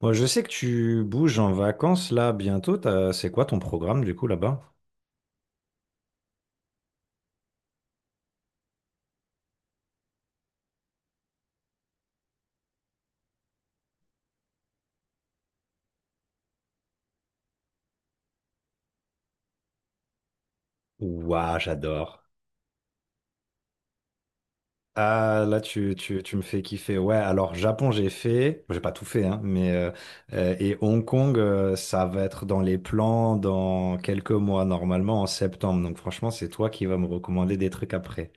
Moi, je sais que tu bouges en vacances là bientôt. C'est quoi ton programme du coup là-bas? Ouah, j'adore. Ah, là, tu me fais kiffer. Ouais, alors Japon, j'ai fait. J'ai pas tout fait, hein, et Hong Kong, ça va être dans les plans dans quelques mois, normalement en septembre. Donc, franchement, c'est toi qui vas me recommander des trucs après.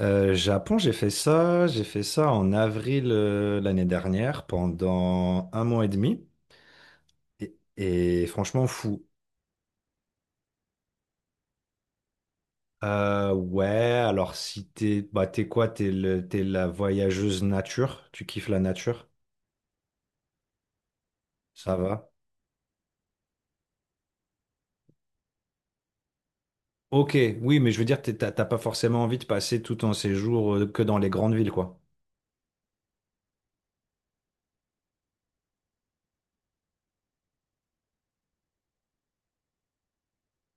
Japon, j'ai fait ça. J'ai fait ça en avril l'année dernière pendant un mois et demi. Et franchement, fou. Ouais, alors si t'es bah t'es quoi? T'es le t'es la voyageuse nature, tu kiffes la nature, ça va. Ok, oui, mais je veux dire, t'as t'as pas forcément envie de passer tout ton séjour que dans les grandes villes, quoi.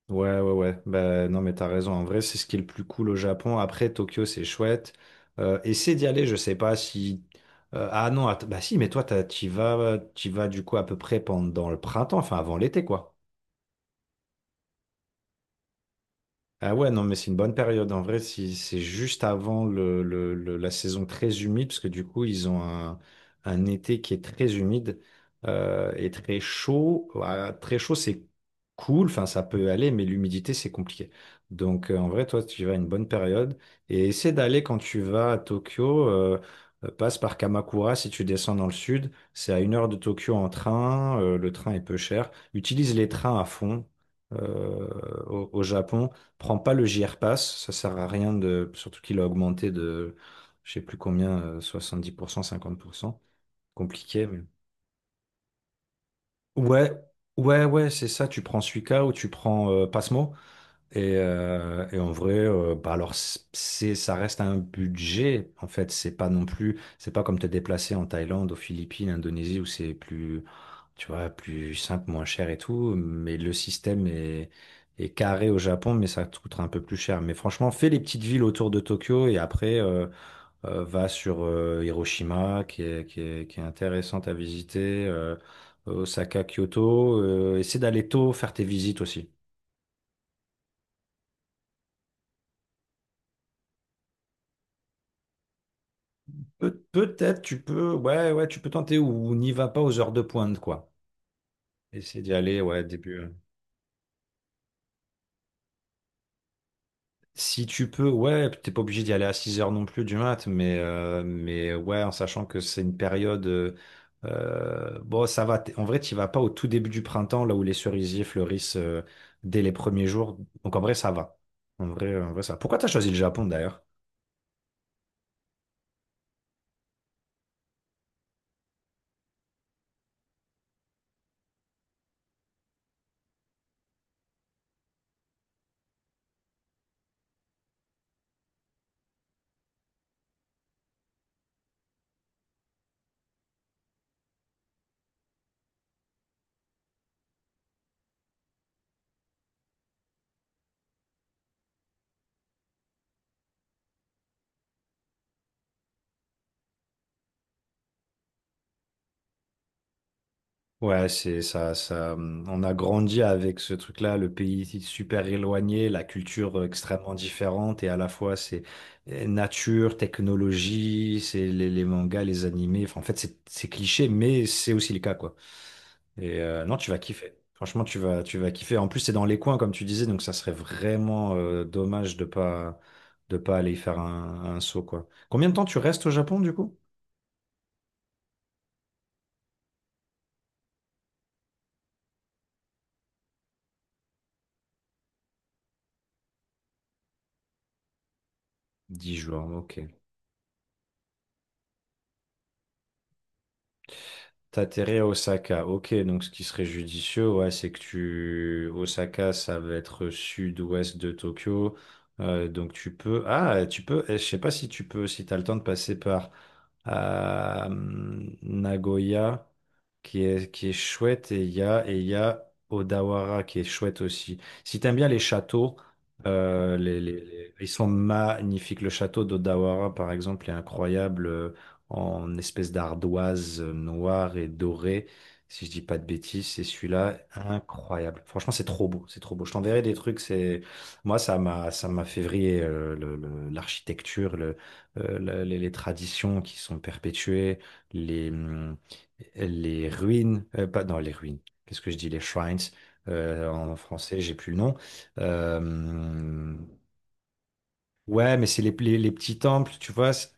Ouais, ouais, ouais. Bah, non, mais t'as raison. En vrai, c'est ce qui est le plus cool au Japon. Après, Tokyo, c'est chouette. Essaie d'y aller, je sais pas si. Ah non, att- bah si, mais toi, t'y vas du coup à peu près pendant le printemps, enfin avant l'été, quoi. Ah ouais, non, mais c'est une bonne période. En vrai, si c'est juste avant la saison très humide, parce que du coup, un été qui est très humide et très chaud. Voilà, très chaud, c'est cool, enfin, ça peut aller, mais l'humidité, c'est compliqué. Donc, en vrai, toi, tu vas à une bonne période et essaie d'aller quand tu vas à Tokyo. Passe par Kamakura si tu descends dans le sud. C'est à une heure de Tokyo en train. Le train est peu cher. Utilise les trains à fond euh, au Japon. Prends pas le JR Pass, ça sert à rien de, surtout qu'il a augmenté de, je sais plus combien, soixante-dix pour cent, cinquante pour cent. Compliqué, mais. Ouais, ouais, ouais, c'est ça. Tu prends Suica ou tu prends Passmo. Et en vrai, bah alors ça reste un budget en fait. C'est pas non plus, c'est pas comme te déplacer en Thaïlande, aux Philippines, Indonésie où c'est plus, tu vois, plus simple, moins cher et tout. Mais est carré au Japon, mais ça te coûtera un peu plus cher. Mais franchement, fais les petites villes autour de Tokyo et après, va sur Hiroshima, qui est intéressante à visiter, Osaka, Kyoto. Essaie d'aller tôt, faire tes visites aussi. Peut-être tu peux, ouais, ouais, tu peux tenter ou n'y va pas aux heures de pointe, quoi. Essaie d'y aller, ouais, début. Si tu peux, ouais, t'es pas obligé d'y aller à 6 heures non plus du mat, mais ouais, en sachant que c'est une période. Bon, ça va. En vrai, tu vas pas au tout début du printemps, là où les cerisiers fleurissent dès les premiers jours. Donc en vrai, ça va. En vrai, ça va. Pourquoi t'as choisi le Japon d'ailleurs? Ouais, c'est ça, ça. On a grandi avec ce truc-là, le pays super éloigné, la culture extrêmement différente, et à la fois c'est nature, technologie, c'est les mangas, les animés. Enfin, en fait, c'est cliché, mais c'est aussi le cas, quoi. Et non, tu vas kiffer. Franchement, tu vas kiffer. En plus, c'est dans les coins, comme tu disais, donc ça serait vraiment dommage de pas aller y faire un saut, quoi. Combien de temps tu restes au Japon, du coup? Dix jours, ok. T'atterris à Osaka. Ok, donc ce qui serait judicieux, ouais, c'est que tu... Osaka, ça va être sud-ouest de Tokyo. Donc tu peux... Ah, tu peux... Je sais pas si tu peux, si t'as le temps de passer par euh, Nagoya, qui est chouette, et et il y a Odawara, qui est chouette aussi. Si t'aimes bien les châteaux, ils sont magnifiques. Le château d'Odawara, par exemple, est incroyable. En espèce d'ardoise noire et dorée. Si je dis pas de bêtises, c'est celui-là, incroyable. Franchement, c'est trop beau, c'est trop beau. Je t'enverrai des trucs. C'est moi, ça m'a fait vriller l'architecture, les traditions qui sont perpétuées, les hum, les ruines, pas non les ruines. Qu'est-ce que je dis, les shrines en français, j'ai plus le nom. Euh, ouais, mais c'est les petits temples, tu vois.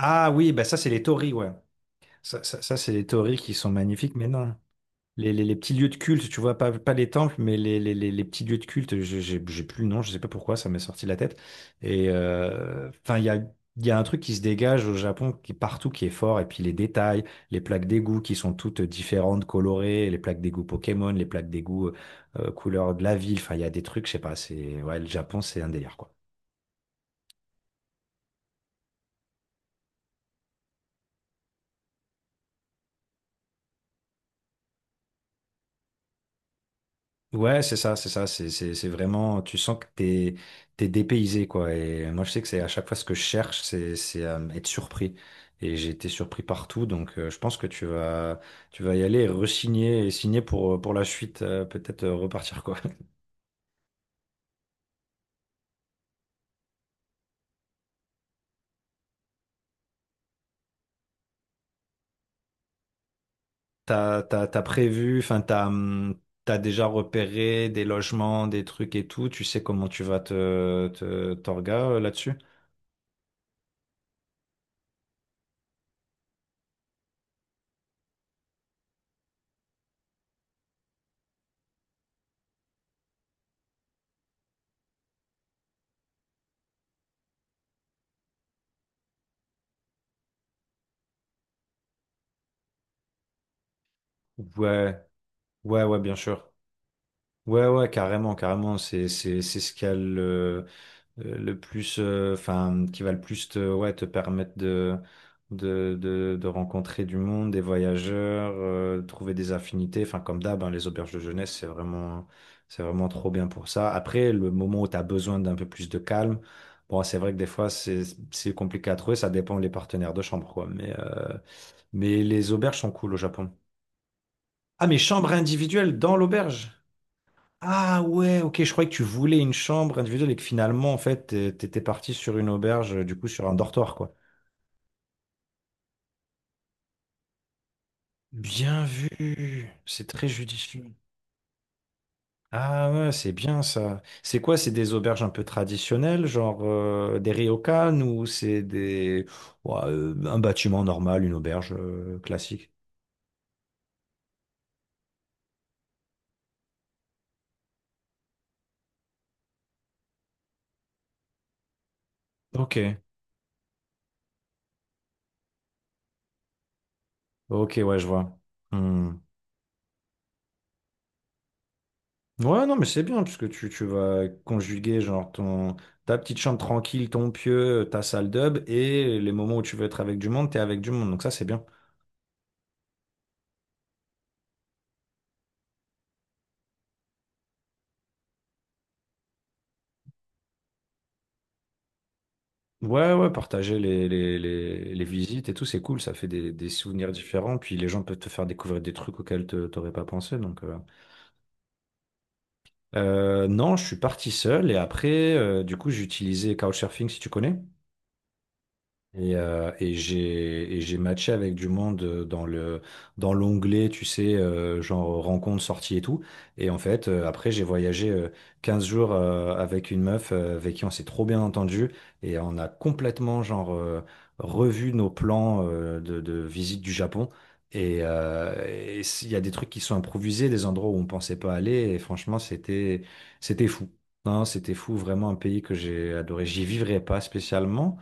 Ah oui, bah ça c'est les torii, ouais. Ça, c'est des théories qui sont magnifiques, mais non. Les, les petits lieux de culte, tu vois, pas les temples, mais les petits lieux de culte, j'ai plus le nom, je sais pas pourquoi, ça m'est sorti de la tête. Et enfin, il y a un truc qui se dégage au Japon, qui est partout, qui est fort, et puis les détails, les plaques d'égout qui sont toutes différentes, colorées, les plaques d'égout Pokémon, les plaques d'égout couleur de la ville, enfin, il y a des trucs, je sais pas, ouais, le Japon, c'est un délire, quoi. Ouais, c'est ça, c'est ça, c'est vraiment, tu sens que t'es dépaysé quoi. Et moi, je sais que c'est à chaque fois ce que je cherche, c'est être surpris. Et j'ai été surpris partout, donc je pense que tu vas y aller, et re-signer et signer pour la suite, peut-être repartir quoi. T'as prévu, t'as déjà repéré des logements, des trucs et tout. Tu sais comment tu vas te te t'orga là-dessus? Ouais, ouais, ouais, bien sûr. Ouais, ouais, carrément, carrément. C'est ce qu'il y a le plus, enfin, qui va le plus te, ouais, te permettre de rencontrer du monde, des voyageurs, trouver des affinités. Enfin, comme d'hab, hein, les auberges de jeunesse, c'est vraiment trop bien pour ça. Après, le moment où tu as besoin d'un peu plus de calme, bon, c'est vrai que des fois, c'est compliqué à trouver. Ça dépend des partenaires de chambre, quoi. Mais les auberges sont cool au Japon. Ah, mais chambre individuelle dans l'auberge? Ah ouais, ok, je croyais que tu voulais une chambre individuelle et que finalement, en fait, t'étais parti sur une auberge, du coup, sur un dortoir, quoi. Bien vu, c'est très judicieux. Ah ouais, c'est bien ça. C'est quoi? C'est des auberges un peu traditionnelles, genre des ryokan ou c'est des ouais, un bâtiment normal, une auberge classique? Ok, ok, ouais, je vois. Hmm. Ouais, non, mais c'est bien, parce que tu vas conjuguer genre ta petite chambre tranquille, ton pieu, ta salle d'hub, et les moments où tu veux être avec du monde, t'es avec du monde, donc ça c'est bien. Ouais, ouais, partager les visites et tout, c'est cool, ça fait des souvenirs différents, puis les gens peuvent te faire découvrir des trucs auxquels t'aurais pas pensé, donc... non, je suis parti seul, et après, du coup, j'utilisais Couchsurfing, si tu connais. Et, euh, et j'ai matché avec du monde dans l'onglet, tu sais, genre rencontre, sortie et tout. Et en fait, après, j'ai voyagé 15 jours avec une meuf avec qui on s'est trop bien entendu et on a complètement genre revu nos plans de visite du Japon. Et s'il y a des trucs qui sont improvisés, des endroits où on pensait pas aller. Et franchement, c'était fou. Non, c'était fou, vraiment un pays que j'ai adoré. J'y vivrais pas spécialement.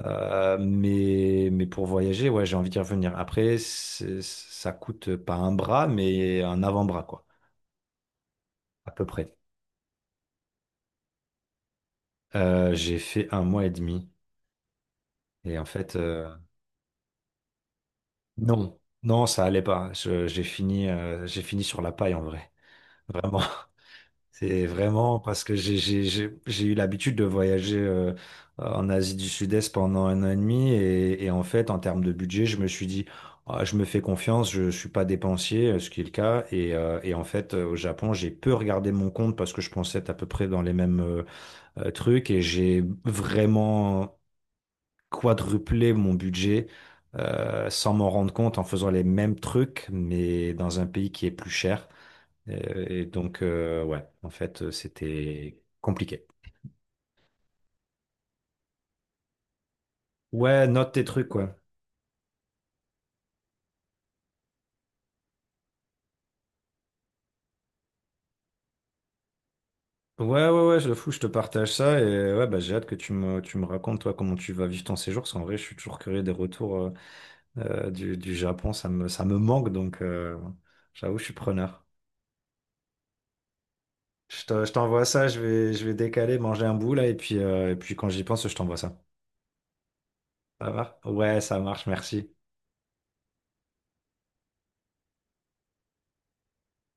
Mais pour voyager, ouais, j'ai envie d'y revenir. Après, ça coûte pas un bras, mais un avant-bras, quoi, à peu près. J'ai fait un mois et demi. Et en fait, non, non, ça allait pas. J'ai fini, j'ai fini sur la paille en vrai. Vraiment. C'est vraiment parce que j'ai eu l'habitude de voyager en Asie du Sud-Est pendant un an et demi et en fait, en termes de budget, je me suis dit, Ah, je me fais confiance, je suis pas dépensier, ce qui est le cas. Et, en fait, au Japon, j'ai peu regardé mon compte parce que je pensais être à peu près dans les mêmes trucs et j'ai vraiment quadruplé mon budget sans m'en rendre compte en faisant les mêmes trucs, mais dans un pays qui est plus cher. Donc, ouais, en fait, c'était compliqué. Ouais, note tes trucs, quoi. Ouais, ouais, ouais, je le fous, je te partage ça. Et ouais, bah, j'ai hâte que tu me racontes, toi, comment tu vas vivre ton séjour. Parce qu'en vrai, je suis toujours curieux des retours du Japon. Ça me manque, donc j'avoue, je suis preneur. Je t'envoie ça, je vais décaler, manger un bout, là. Et puis quand j'y pense, je t'envoie ça. Ça va? Ouais, ça marche, merci.